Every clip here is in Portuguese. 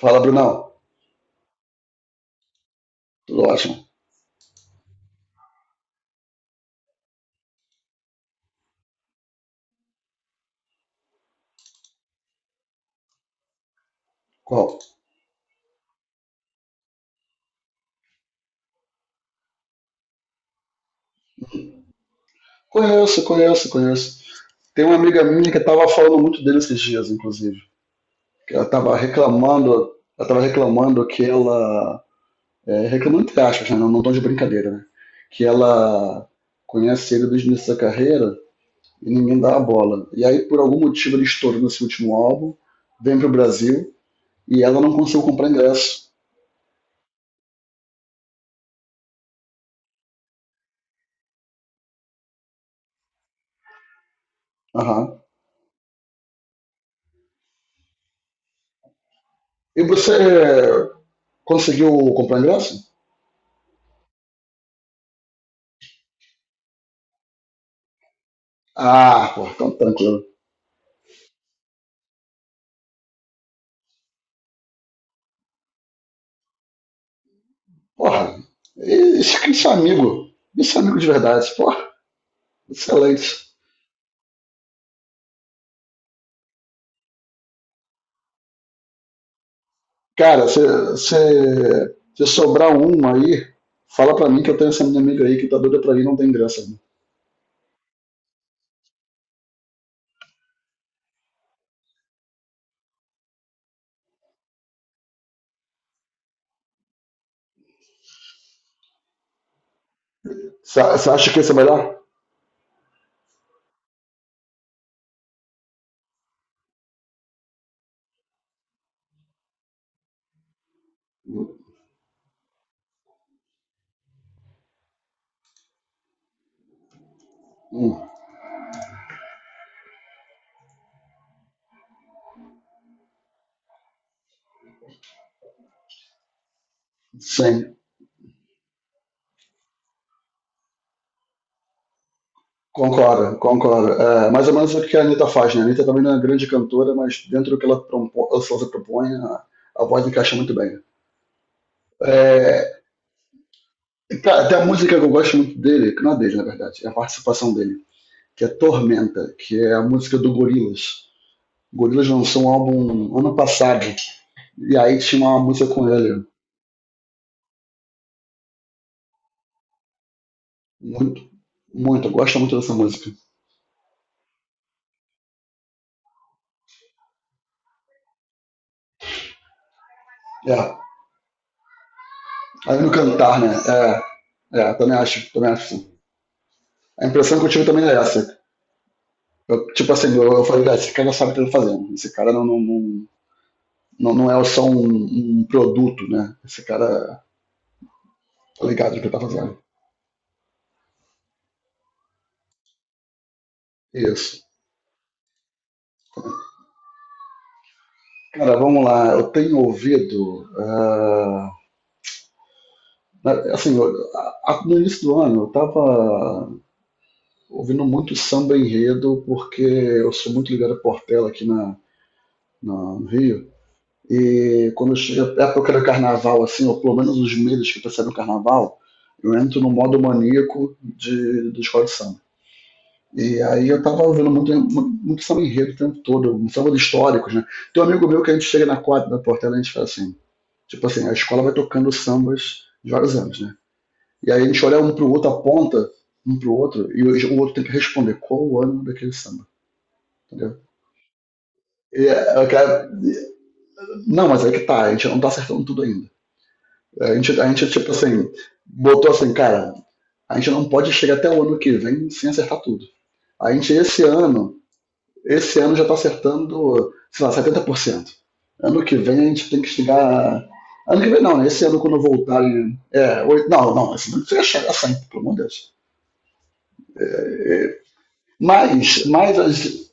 Fala, Brunão. Tudo ótimo. Qual? Conheço, conheço, conheço. Tem uma amiga minha que estava falando muito dele esses dias, inclusive. Que ela estava reclamando, ela tava reclamando que ela, reclamando entre aspas, né? Não, não tô de brincadeira, né? Que ela conhece ele desde o início da carreira e ninguém dá a bola. E aí, por algum motivo, ele estourou nesse último álbum, vem pro Brasil e ela não conseguiu comprar ingresso. Aham. E você conseguiu comprar ingresso? Ah, pô, então tranquilo. Porra, esse amigo, esse amigo de verdade, porra, excelente. Cara, se, se sobrar um aí, fala pra mim que eu tenho essa minha amiga aí que tá doida pra mim, não tem graça, né? Você acha que esse é melhor? Hum, sim, concordo, concordo. É, mais ou menos o que a Anitta faz, né? A Anitta também não é uma grande cantora, mas dentro do que ela, propo, ou se ela propõe, a voz encaixa muito bem. É, cara, tem a música que eu gosto muito dele, que não é dele, na verdade, é a participação dele que é Tormenta, que é a música do Gorillaz. O Gorillaz lançou um álbum ano passado, e aí tinha uma música com ele. Muito, muito, eu gosto muito dessa música. É, aí no cantar, né? É, é também acho sim. A impressão que eu tive também é essa. Eu, tipo assim, eu falei, ah, esse cara sabe o que ele tá fazendo. Esse cara não é só um produto, né? Esse cara tá ligado no que ele tá fazendo. Isso. Cara, vamos lá. Eu tenho ouvido. Na- Assim, eu- no início do ano eu estava ouvindo muito samba enredo, porque eu sou muito ligado a Portela aqui no Rio. E quando chega a época do carnaval, assim, ou pelo menos os meses que precedem o carnaval, eu entro no modo maníaco de escola de samba. E aí eu tava ouvindo muito samba enredo o tempo todo, um samba de históricos, né? Tem um amigo meu que a gente chega na quadra da Portela e a gente fala assim, tipo assim, a escola vai tocando sambas de vários anos, né? E aí a gente olha um pro outro, aponta um pro outro, e o outro tem que responder qual o ânimo daquele samba, entendeu? E, é, cara, não, mas é que tá, a gente não tá acertando tudo ainda. É, a gente, tipo assim, botou assim, cara, a gente não pode chegar até o ano que vem sem acertar tudo. A gente, esse ano já tá acertando, sei lá, 70%. Ano que vem a gente tem que chegar. Ano que vem não, né? Esse ano quando eu voltar. Não, não, esse ano chega a 100, pelo amor de Deus. Mas a gente-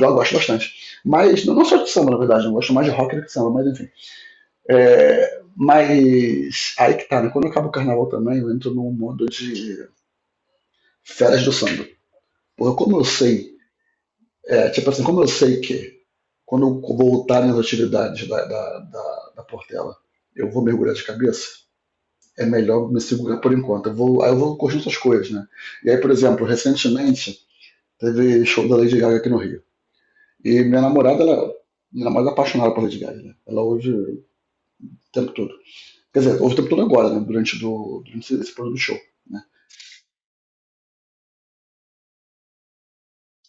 Eu gosto bastante. Mas não só de samba, na verdade, eu gosto mais de rock do que de samba, mas enfim. É, mas aí que tá, né? Quando acaba o carnaval também, eu entro num mundo de férias do samba. Porque como eu sei, é, tipo assim, como eu sei que quando eu voltar nas atividades da Portela, eu vou mergulhar de cabeça, é melhor me segurar por enquanto. Eu vou, aí eu vou curtir outras coisas, né? E aí, por exemplo, recentemente teve show da Lady Gaga aqui no Rio. E minha namorada, ela, minha namorada é apaixonada por Lady Gaga, né? Ela hoje o tempo todo. Quer dizer, houve o tempo todo agora, né? Durante, durante esse período do show. Né?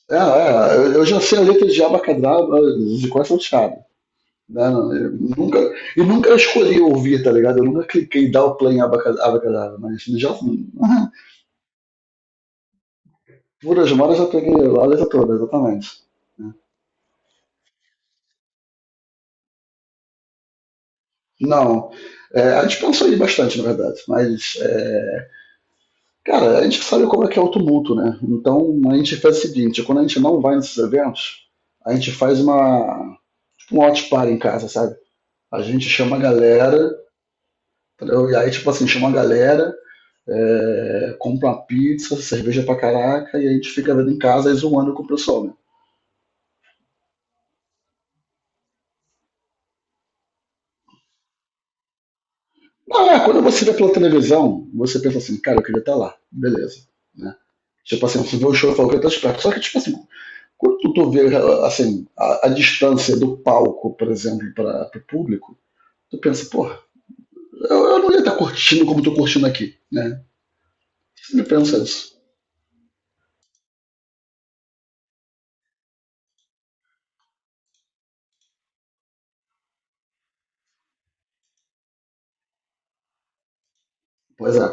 É, é, eu já sei a letra de Abacadabra de quase salteado. Né? Nunca, e nunca escolhi ouvir, tá ligado? Eu nunca cliquei dar o play em Abacadabra, mas já, assim. Por as horas eu já peguei a letra toda, exatamente, né. Não. É, a gente pensou aí bastante, na verdade. Mas, é, cara, a gente sabe como é que é o tumulto, né? Então, a gente faz o seguinte: quando a gente não vai nesses eventos, a gente faz uma, um watch party em casa, sabe? A gente chama a galera, entendeu? E aí, tipo assim, chama a galera, é, compra uma pizza, cerveja pra caraca, e a gente fica vendo em casa e zoando com o pessoal, né? Ah, quando você vê pela televisão, você pensa assim, cara, eu queria estar lá, beleza, né? Tipo assim, você vê o show e fala que eu tô esperto. Só que, tipo assim, quando tu vê, assim, a distância do palco, por exemplo, para o público, tu pensa, porra, eu não ia estar curtindo como tô curtindo aqui, né? Você pensa isso. Pois é.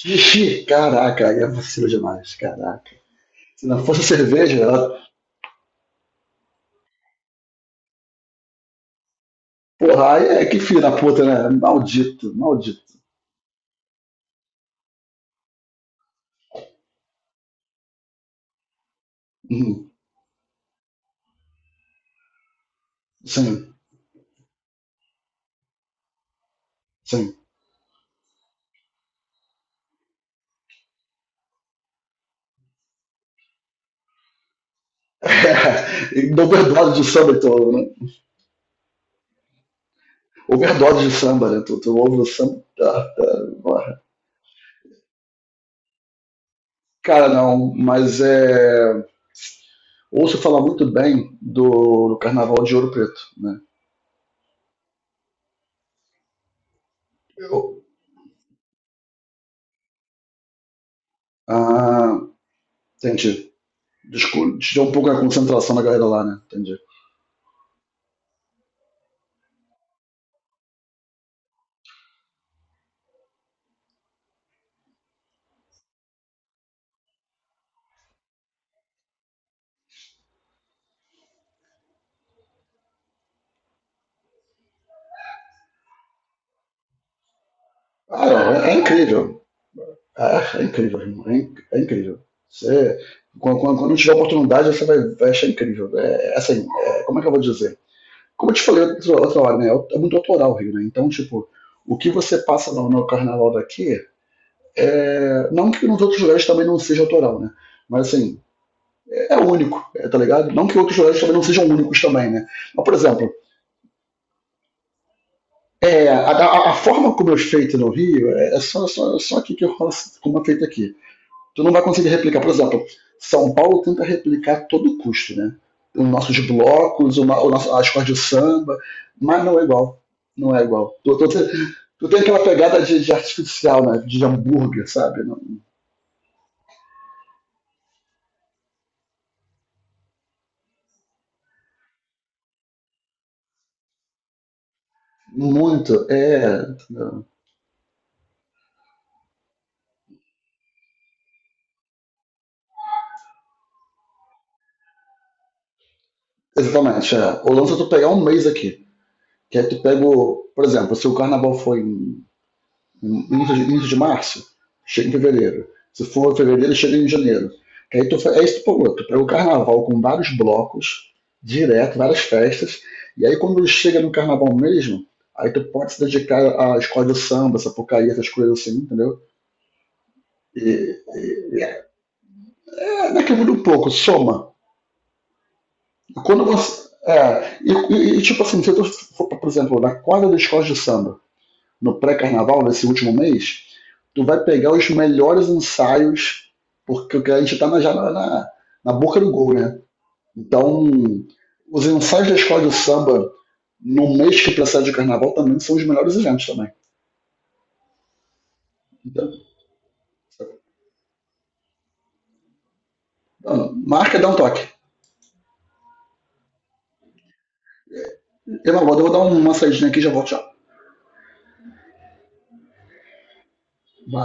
Tixi, caraca, aí é vacilo demais, caraca. Se não fosse a cerveja, ela, porra, aí é que filho da puta, né? Maldito, maldito. Uhum. Sim, sim. É, overdose de samba, então, né? Overdose de samba, né? Tu ouve o samba. Tá, tá, porra. Cara, não, mas é. Ouço falar muito bem do Carnaval de Ouro Preto, né? Eu... Ah, entendi. Desculpa, tirou um pouco a concentração da galera lá, né? Entendi. Ah, é, é incrível. Ah, é incrível, irmão. É incrível. Você, quando tiver oportunidade, você vai, vai achar incrível. É, é assim, é, como é que eu vou dizer? Como eu te falei outra, outra hora, né? É é muito autoral o Rio, né? Então, tipo, o que você passa no carnaval daqui é. Não que nos outros lugares também não seja autoral, né? Mas assim, é único, é, tá ligado? Não que outros lugares também não sejam únicos também, né? Mas, por exemplo, é, a forma como é feito no Rio é, é só aqui que rola, como é feito aqui. Tu não vai conseguir replicar. Por exemplo, São Paulo tenta replicar a todo custo, né? Os nossos blocos, o, nosso, as cores de samba, mas não é igual. Não é igual. Tu tem aquela pegada de artificial, né? De hambúrguer, sabe? Muito. É. Exatamente. É. O lance é tu pegar um mês aqui. Que aí tu pega, o, por exemplo, se o carnaval foi em início de março, chega em fevereiro. Se for fevereiro, chega em janeiro. Aí tu, é isso, pô, tu pega o carnaval com vários blocos, direto, várias festas, e aí quando chega no carnaval mesmo, aí tu pode se dedicar à escola de samba, sapucaí, essas coisas assim, entendeu? E, e é, né, que muda um pouco, soma. E quando você. Tipo assim, se tu for, por exemplo, na quadra da escola de samba, no pré-carnaval, nesse último mês, tu vai pegar os melhores ensaios, porque a gente está na boca do gol, né? Então, os ensaios da escola de samba no mês que precede o carnaval também são os melhores eventos também. Então, marca, dá um toque. Eu vou dar uma saidinha aqui e já volto já. Vai.